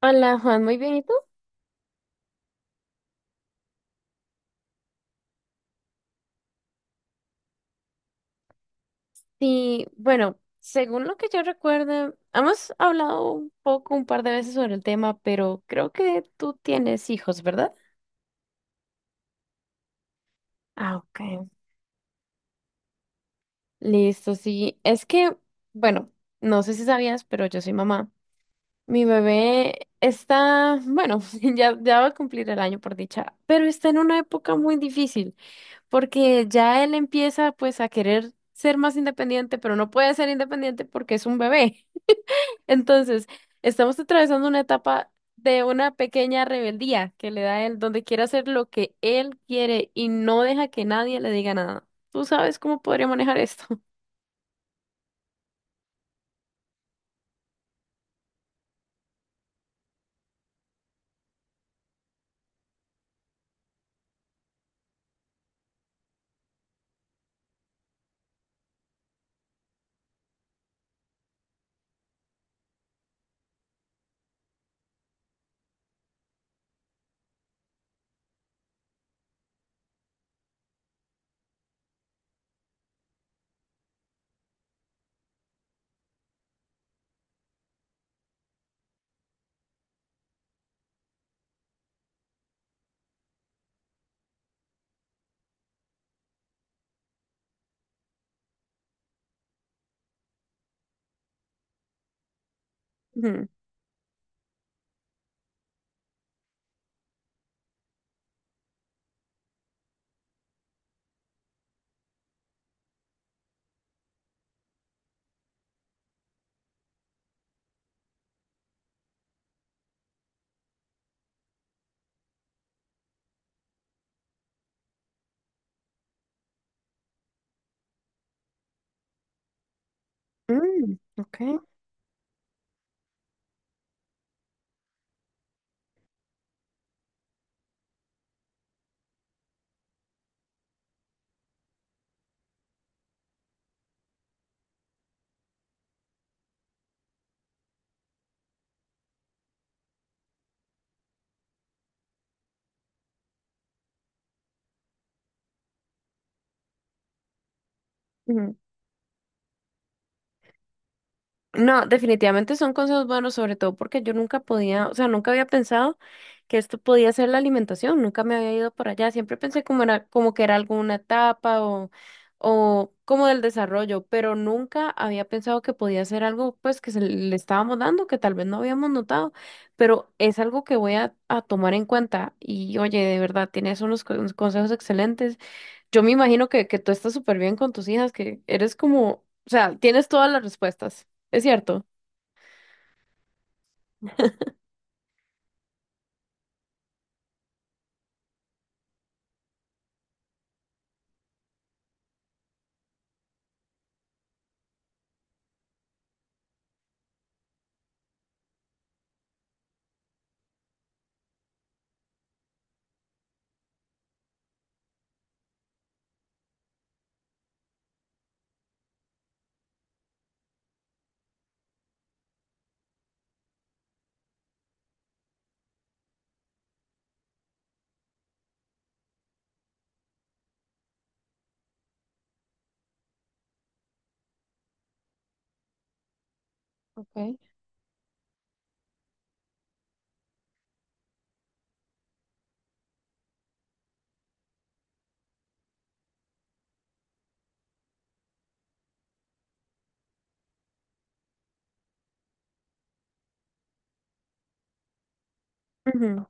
Hola Juan, muy bien, ¿y tú? Sí, bueno, según lo que yo recuerdo, hemos hablado un poco, un par de veces sobre el tema, pero creo que tú tienes hijos, ¿verdad? Ah, ok. Listo, sí. Es que, bueno, no sé si sabías, pero yo soy mamá. Mi bebé está, bueno, ya va a cumplir el año por dicha, pero está en una época muy difícil, porque ya él empieza pues a querer ser más independiente, pero no puede ser independiente porque es un bebé. Entonces, estamos atravesando una etapa de una pequeña rebeldía que le da él, donde quiere hacer lo que él quiere y no deja que nadie le diga nada. ¿Tú sabes cómo podría manejar esto? Ujú. Mm, ok. No, definitivamente son consejos buenos, sobre todo porque yo nunca podía, o sea, nunca había pensado que esto podía ser la alimentación, nunca me había ido por allá, siempre pensé como era, como que era alguna etapa o como del desarrollo, pero nunca había pensado que podía ser algo pues que se le estábamos dando, que tal vez no habíamos notado, pero es algo que voy a tomar en cuenta y oye, de verdad, tienes unos consejos excelentes. Yo me imagino que tú estás súper bien con tus hijas, que eres como, o sea, tienes todas las respuestas, ¿es cierto? Okay. Ujú.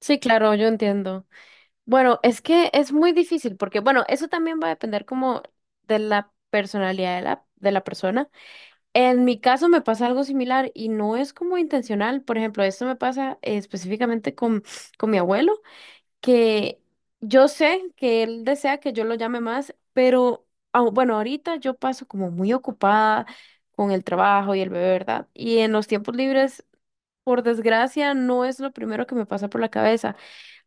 Sí, claro, yo entiendo. Bueno, es que es muy difícil porque, bueno, eso también va a depender como de la personalidad de la persona. En mi caso me pasa algo similar y no es como intencional. Por ejemplo, esto me pasa específicamente con mi abuelo, que yo sé que él desea que yo lo llame más, pero bueno, ahorita yo paso como muy ocupada con el trabajo y el bebé, ¿verdad? Y en los tiempos libres, por desgracia, no es lo primero que me pasa por la cabeza.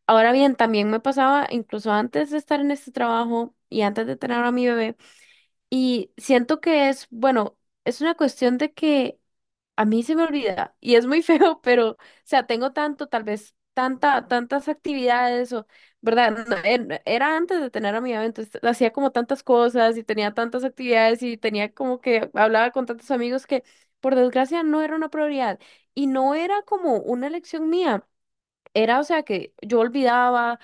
Ahora bien, también me pasaba incluso antes de estar en este trabajo y antes de tener a mi bebé, y siento que es, bueno, es una cuestión de que... A mí se me olvida y es muy feo, pero, o sea, tengo tanto, tal vez, tanta, tantas actividades o, ¿verdad? No, en... Era antes de tener a mi bebé, entonces hacía como tantas cosas y tenía tantas actividades y tenía como que hablaba con tantos amigos que, por desgracia, no era una prioridad y no era como una elección mía. Era, o sea, que yo olvidaba,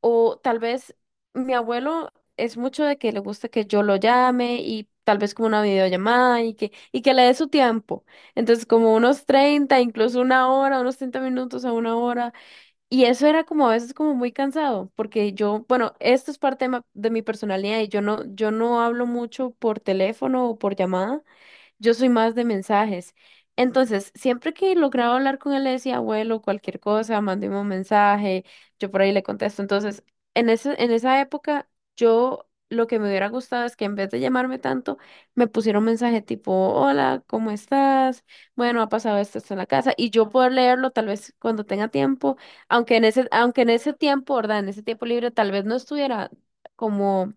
o tal vez mi abuelo es mucho de que le gusta que yo lo llame y tal vez como una videollamada y que le dé su tiempo. Entonces como unos 30 incluso una hora, unos 30 minutos a una hora. Y eso era como a veces como muy cansado, porque yo, bueno, esto es parte de de mi personalidad y yo no hablo mucho por teléfono o por llamada. Yo soy más de mensajes. Entonces, siempre que lograba hablar con él, le decía, abuelo, cualquier cosa, mándeme un mensaje, yo por ahí le contesto. Entonces, en esa época, yo lo que me hubiera gustado es que en vez de llamarme tanto, me pusiera un mensaje tipo, hola, ¿cómo estás? Bueno, ha pasado esto, esto en la casa, y yo poder leerlo tal vez cuando tenga tiempo, aunque en ese tiempo, ¿verdad? En ese tiempo libre, tal vez no estuviera como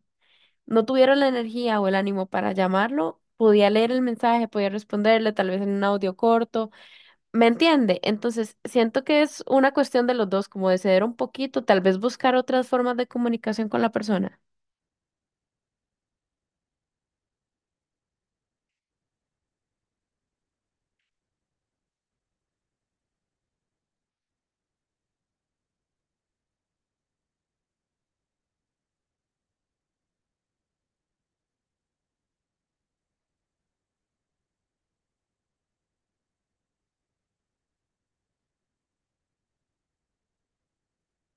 no tuviera la energía o el ánimo para llamarlo, podía leer el mensaje, podía responderle, tal vez en un audio corto, ¿me entiende? Entonces, siento que es una cuestión de los dos, como de ceder un poquito, tal vez buscar otras formas de comunicación con la persona.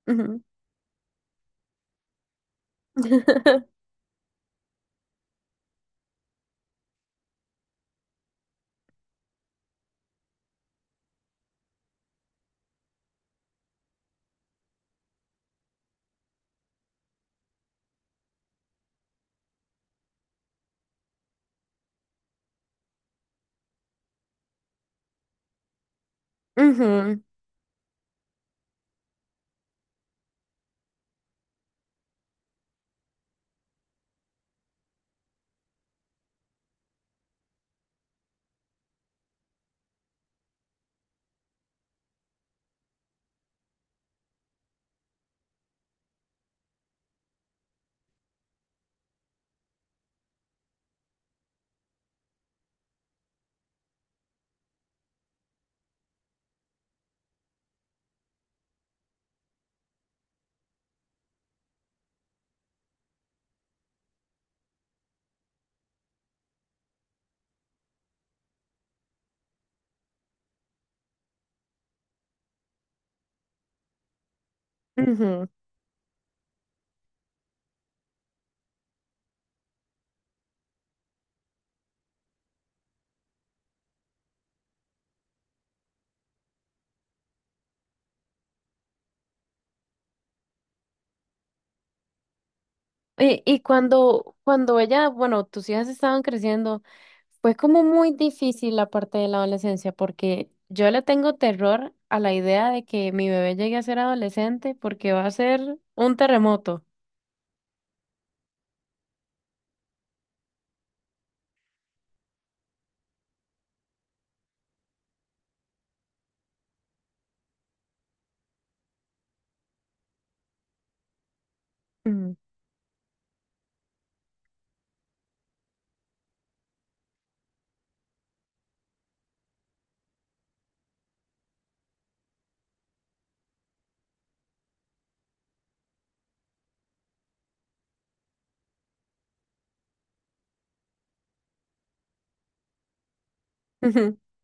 Ujú. Ujú, ujú. Y cuando, cuando ella, bueno, tus hijas estaban creciendo, fue como muy difícil la parte de la adolescencia, porque yo le tengo terror a la idea de que mi bebé llegue a ser adolescente porque va a ser un terremoto. Ujú.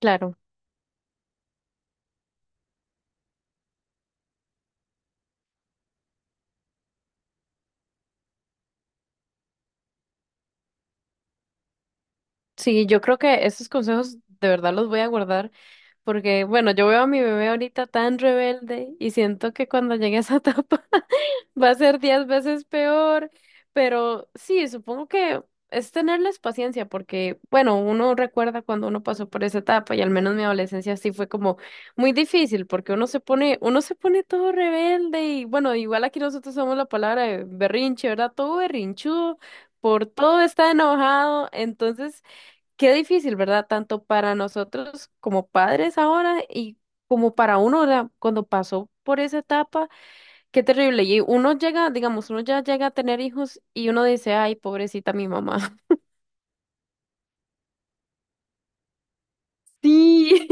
Claro. Sí, yo creo que esos consejos de verdad los voy a guardar porque, bueno, yo veo a mi bebé ahorita tan rebelde y siento que cuando llegue a esa etapa va a ser 10 veces peor, pero sí, supongo que es tenerles paciencia porque, bueno, uno recuerda cuando uno pasó por esa etapa y al menos mi adolescencia sí fue como muy difícil porque uno se pone todo rebelde y, bueno, igual aquí nosotros somos la palabra de berrinche, ¿verdad? Todo berrinchudo por todo está enojado, entonces... Qué difícil, ¿verdad? Tanto para nosotros como padres ahora y como para uno, ¿verdad? Cuando pasó por esa etapa, qué terrible. Y uno llega, digamos, uno ya llega a tener hijos y uno dice, ay, pobrecita mi mamá. Sí.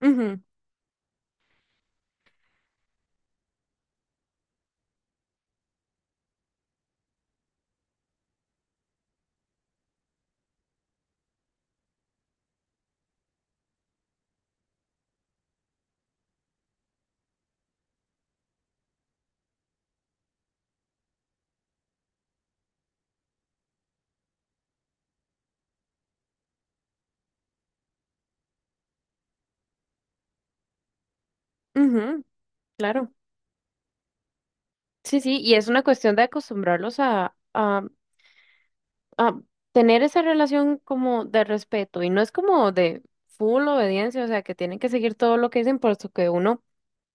Ujú, ujú, claro. Sí, sí, y es una cuestión de acostumbrarlos a, a tener esa relación como de respeto y no es como de full obediencia, o sea, que tienen que seguir todo lo que dicen, puesto que uno,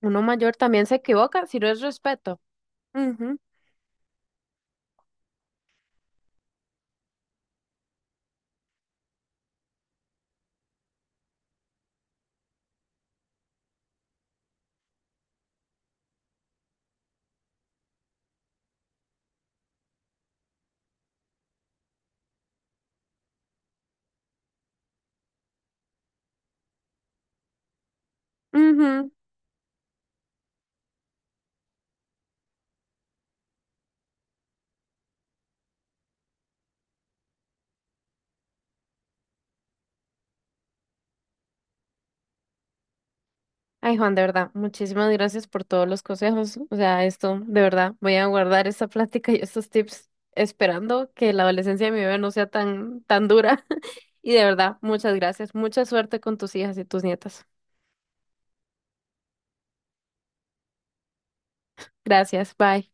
uno mayor también se equivoca si no es respeto. Ujú. Ay, Juan, de verdad, muchísimas gracias por todos los consejos. O sea, esto, de verdad, voy a guardar esta plática y estos tips, esperando que la adolescencia de mi bebé no sea tan, tan dura. Y de verdad, muchas gracias. Mucha suerte con tus hijas y tus nietas. Gracias, bye.